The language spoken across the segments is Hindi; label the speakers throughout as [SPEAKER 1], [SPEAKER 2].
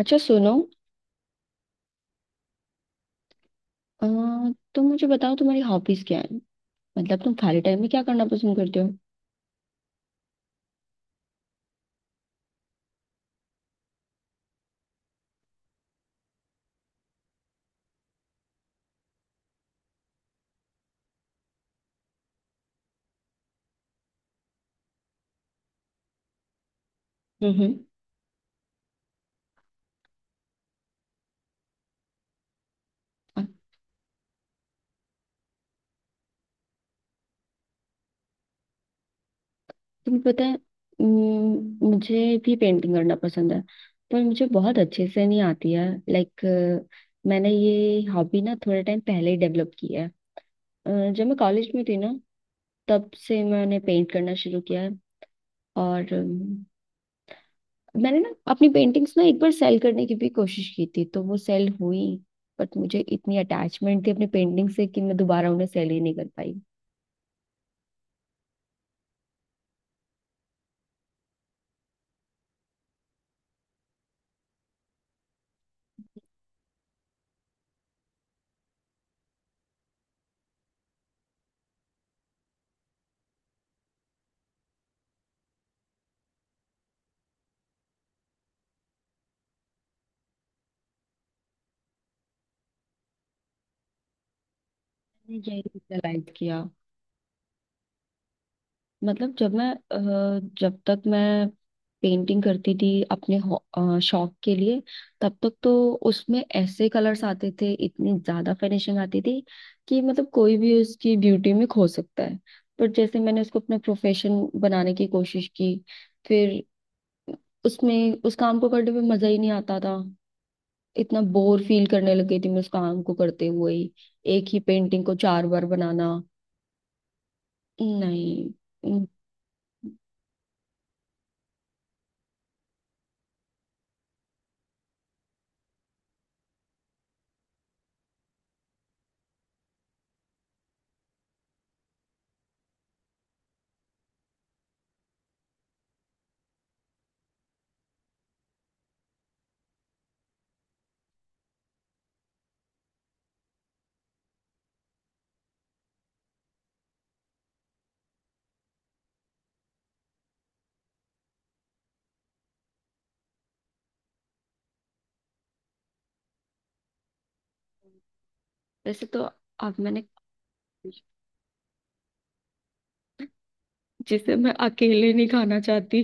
[SPEAKER 1] अच्छा सुनो। अ, तुम मुझे बताओ, तुम्हारी हॉबीज क्या है? मतलब तुम खाली टाइम में क्या करना पसंद करते हो? हम्म, अ, तुम्हें पता है, मुझे भी पेंटिंग करना पसंद है। पर मुझे बहुत अच्छे से नहीं आती है, लाइक मैंने ये हॉबी ना थोड़े टाइम पहले ही डेवलप की है। अ, जब मैं कॉलेज में थी ना, तब से मैंने पेंट करना शुरू किया है। और मैंने ना अपनी पेंटिंग्स ना एक बार सेल करने की भी कोशिश की थी, तो वो सेल हुई। बट मुझे इतनी अटैचमेंट थी अपनी पेंटिंग से कि मैं दोबारा उन्हें सेल ही नहीं कर पाई। मैंने यही रियलाइज किया। मतलब जब तक मैं पेंटिंग करती थी अपने शौक के लिए, तब तक तो उसमें ऐसे कलर्स आते थे, इतनी ज्यादा फिनिशिंग आती थी कि मतलब कोई भी उसकी ब्यूटी में खो सकता है। पर जैसे मैंने उसको अपना प्रोफेशन बनाने की कोशिश की, फिर उसमें उस काम को करने में मजा ही नहीं आता था। इतना बोर फील करने लग गई थी मैं उस काम को करते हुए ही। एक ही पेंटिंग को 4 बार बनाना! नहीं। उम, वैसे तो अब मैंने, जिसे मैं अकेले नहीं खाना चाहती,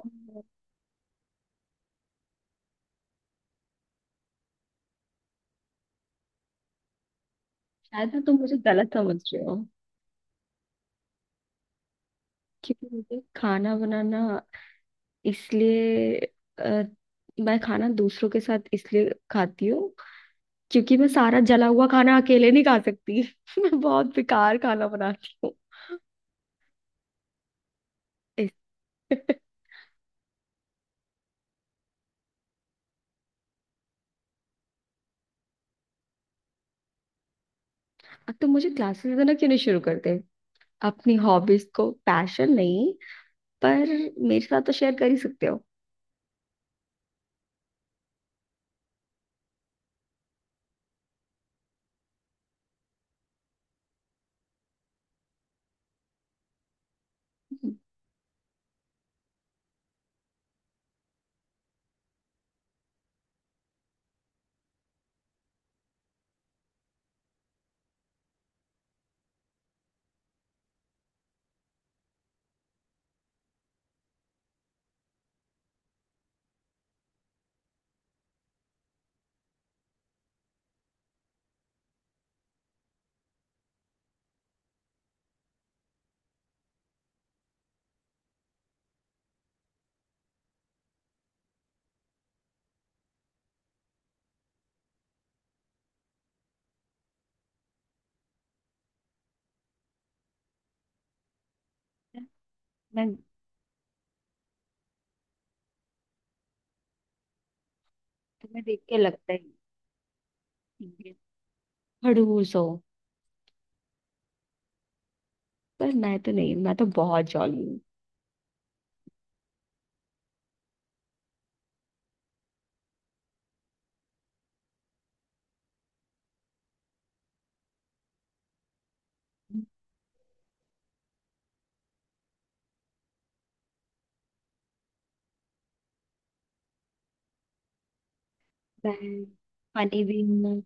[SPEAKER 1] शायद। ना, तुम मुझे गलत समझ रहे हो, क्योंकि मुझे खाना बनाना इसलिए अ, मैं खाना दूसरों के साथ इसलिए खाती हूँ क्योंकि मैं सारा जला हुआ खाना अकेले नहीं खा सकती। मैं बहुत बेकार खाना बनाती हूँ। अब तो मुझे क्लासेस देना क्यों नहीं शुरू करते, अपनी हॉबीज को पैशन नहीं? पर मेरे साथ तो शेयर कर ही सकते हो। मैं तुम्हें देख के लगता ही ठीक है, कि खड़ूस हो। पर मैं तो नहीं, मैं तो बहुत जॉली हूँ। मैं फनी भी हूँ।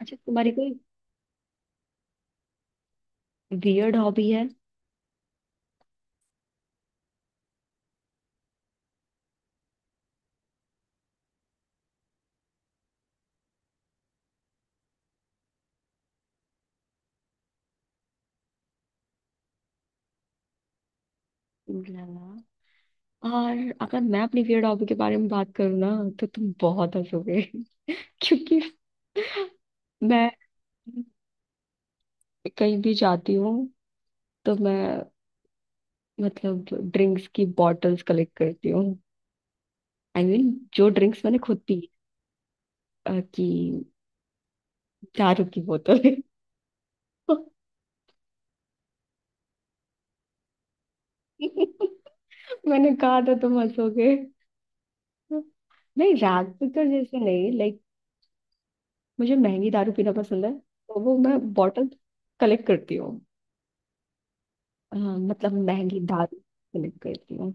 [SPEAKER 1] अच्छा, तुम्हारी कोई वियर्ड हॉबी है? लगा। और अगर मैं अपनी वियर्ड हॉबी के बारे में बात करूँ ना, तो तुम बहुत हंसोगे। क्योंकि मैं कहीं भी जाती हूँ, तो मैं, मतलब, ड्रिंक्स की बॉटल्स कलेक्ट करती हूँ। आई I मीन mean, जो ड्रिंक्स मैंने खुद पी, कि दारू की बोतल। मैंने कहा था तुम हंसोगे। नहीं, रात तो जैसे नहीं, लाइक मुझे महंगी दारू पीना पसंद है तो वो मैं बॉटल कलेक्ट करती हूँ। मतलब महंगी दारू कलेक्ट करती हूँ।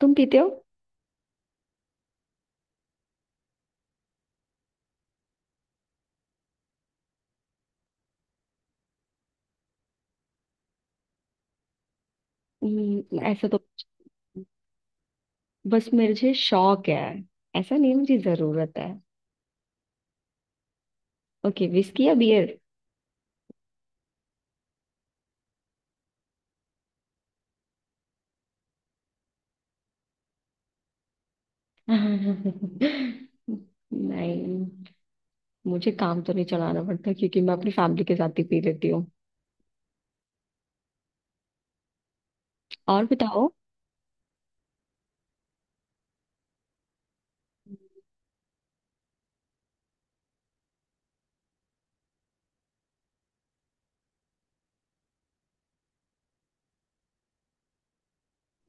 [SPEAKER 1] तुम पीते हो? ऐसा तो बस मुझे शौक है, ऐसा नहीं मुझे जरूरत है। ओके, विस्की या बियर? नहीं, मुझे काम तो नहीं चलाना पड़ता, क्योंकि मैं अपनी फैमिली के साथ ही पी लेती हूँ। और बताओ।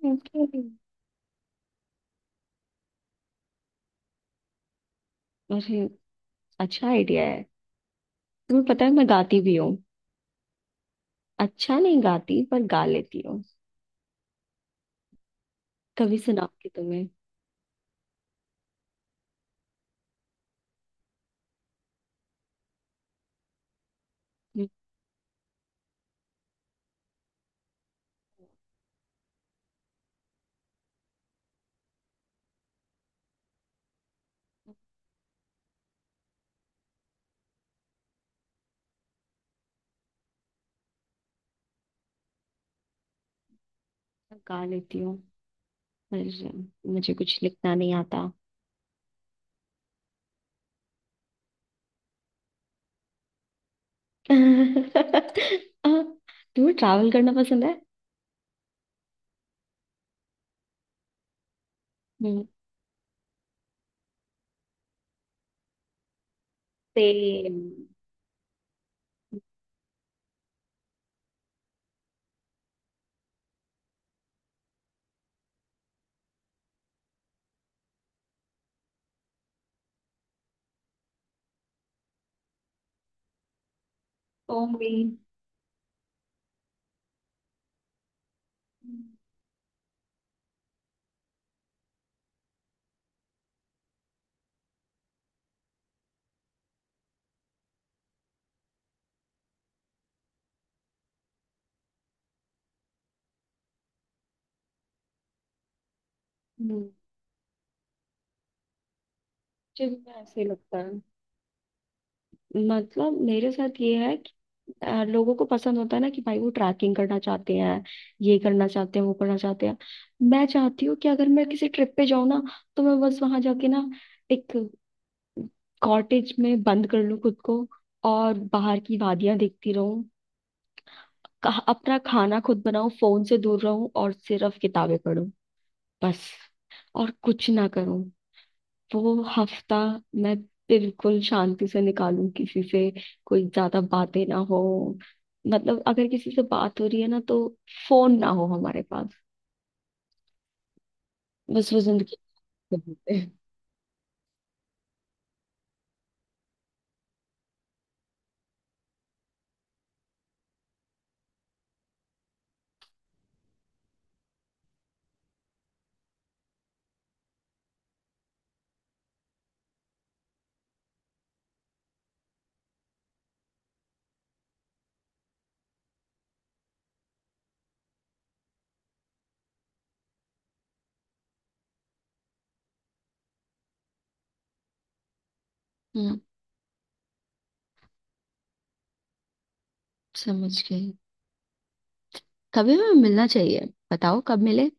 [SPEAKER 1] Okay. अरे, अच्छा आइडिया है। तुम्हें पता है, मैं गाती भी हूँ। अच्छा नहीं गाती, पर गा लेती हूँ। कभी सुनाओ कि तुम्हें। मैं गा लेती हूँ, पर मुझे कुछ लिखना नहीं आता। तुम्हें ट्रैवल करना पसंद है? सेम। ओ मी, मुझे भी ऐसे ही लगता है। मतलब मेरे साथ ये है कि लोगों को पसंद होता है ना कि भाई वो ट्रैकिंग करना चाहते हैं, ये करना चाहते हैं, वो करना चाहते हैं। मैं चाहती हूँ कि अगर मैं किसी ट्रिप पे जाऊँ ना, तो मैं बस वहां जाके ना एक कॉटेज में बंद कर लूँ खुद को, और बाहर की वादियां देखती रहूँ। अपना खाना खुद बनाऊँ, फोन से दूर रहूँ और सिर्फ किताबें पढूं। बस, और कुछ ना करूँ। वो हफ्ता मैं बिल्कुल शांति से निकालूं, किसी से कोई ज्यादा बातें ना हो। मतलब अगर किसी से बात हो रही है ना, तो फोन ना हो हमारे पास। बस वो जिंदगी के होते हैं। हम्म, समझ गई। कभी हमें मिलना चाहिए। बताओ कब मिले?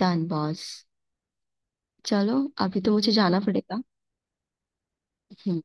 [SPEAKER 1] Done boss. चलो, अभी तो मुझे जाना पड़ेगा। हम्म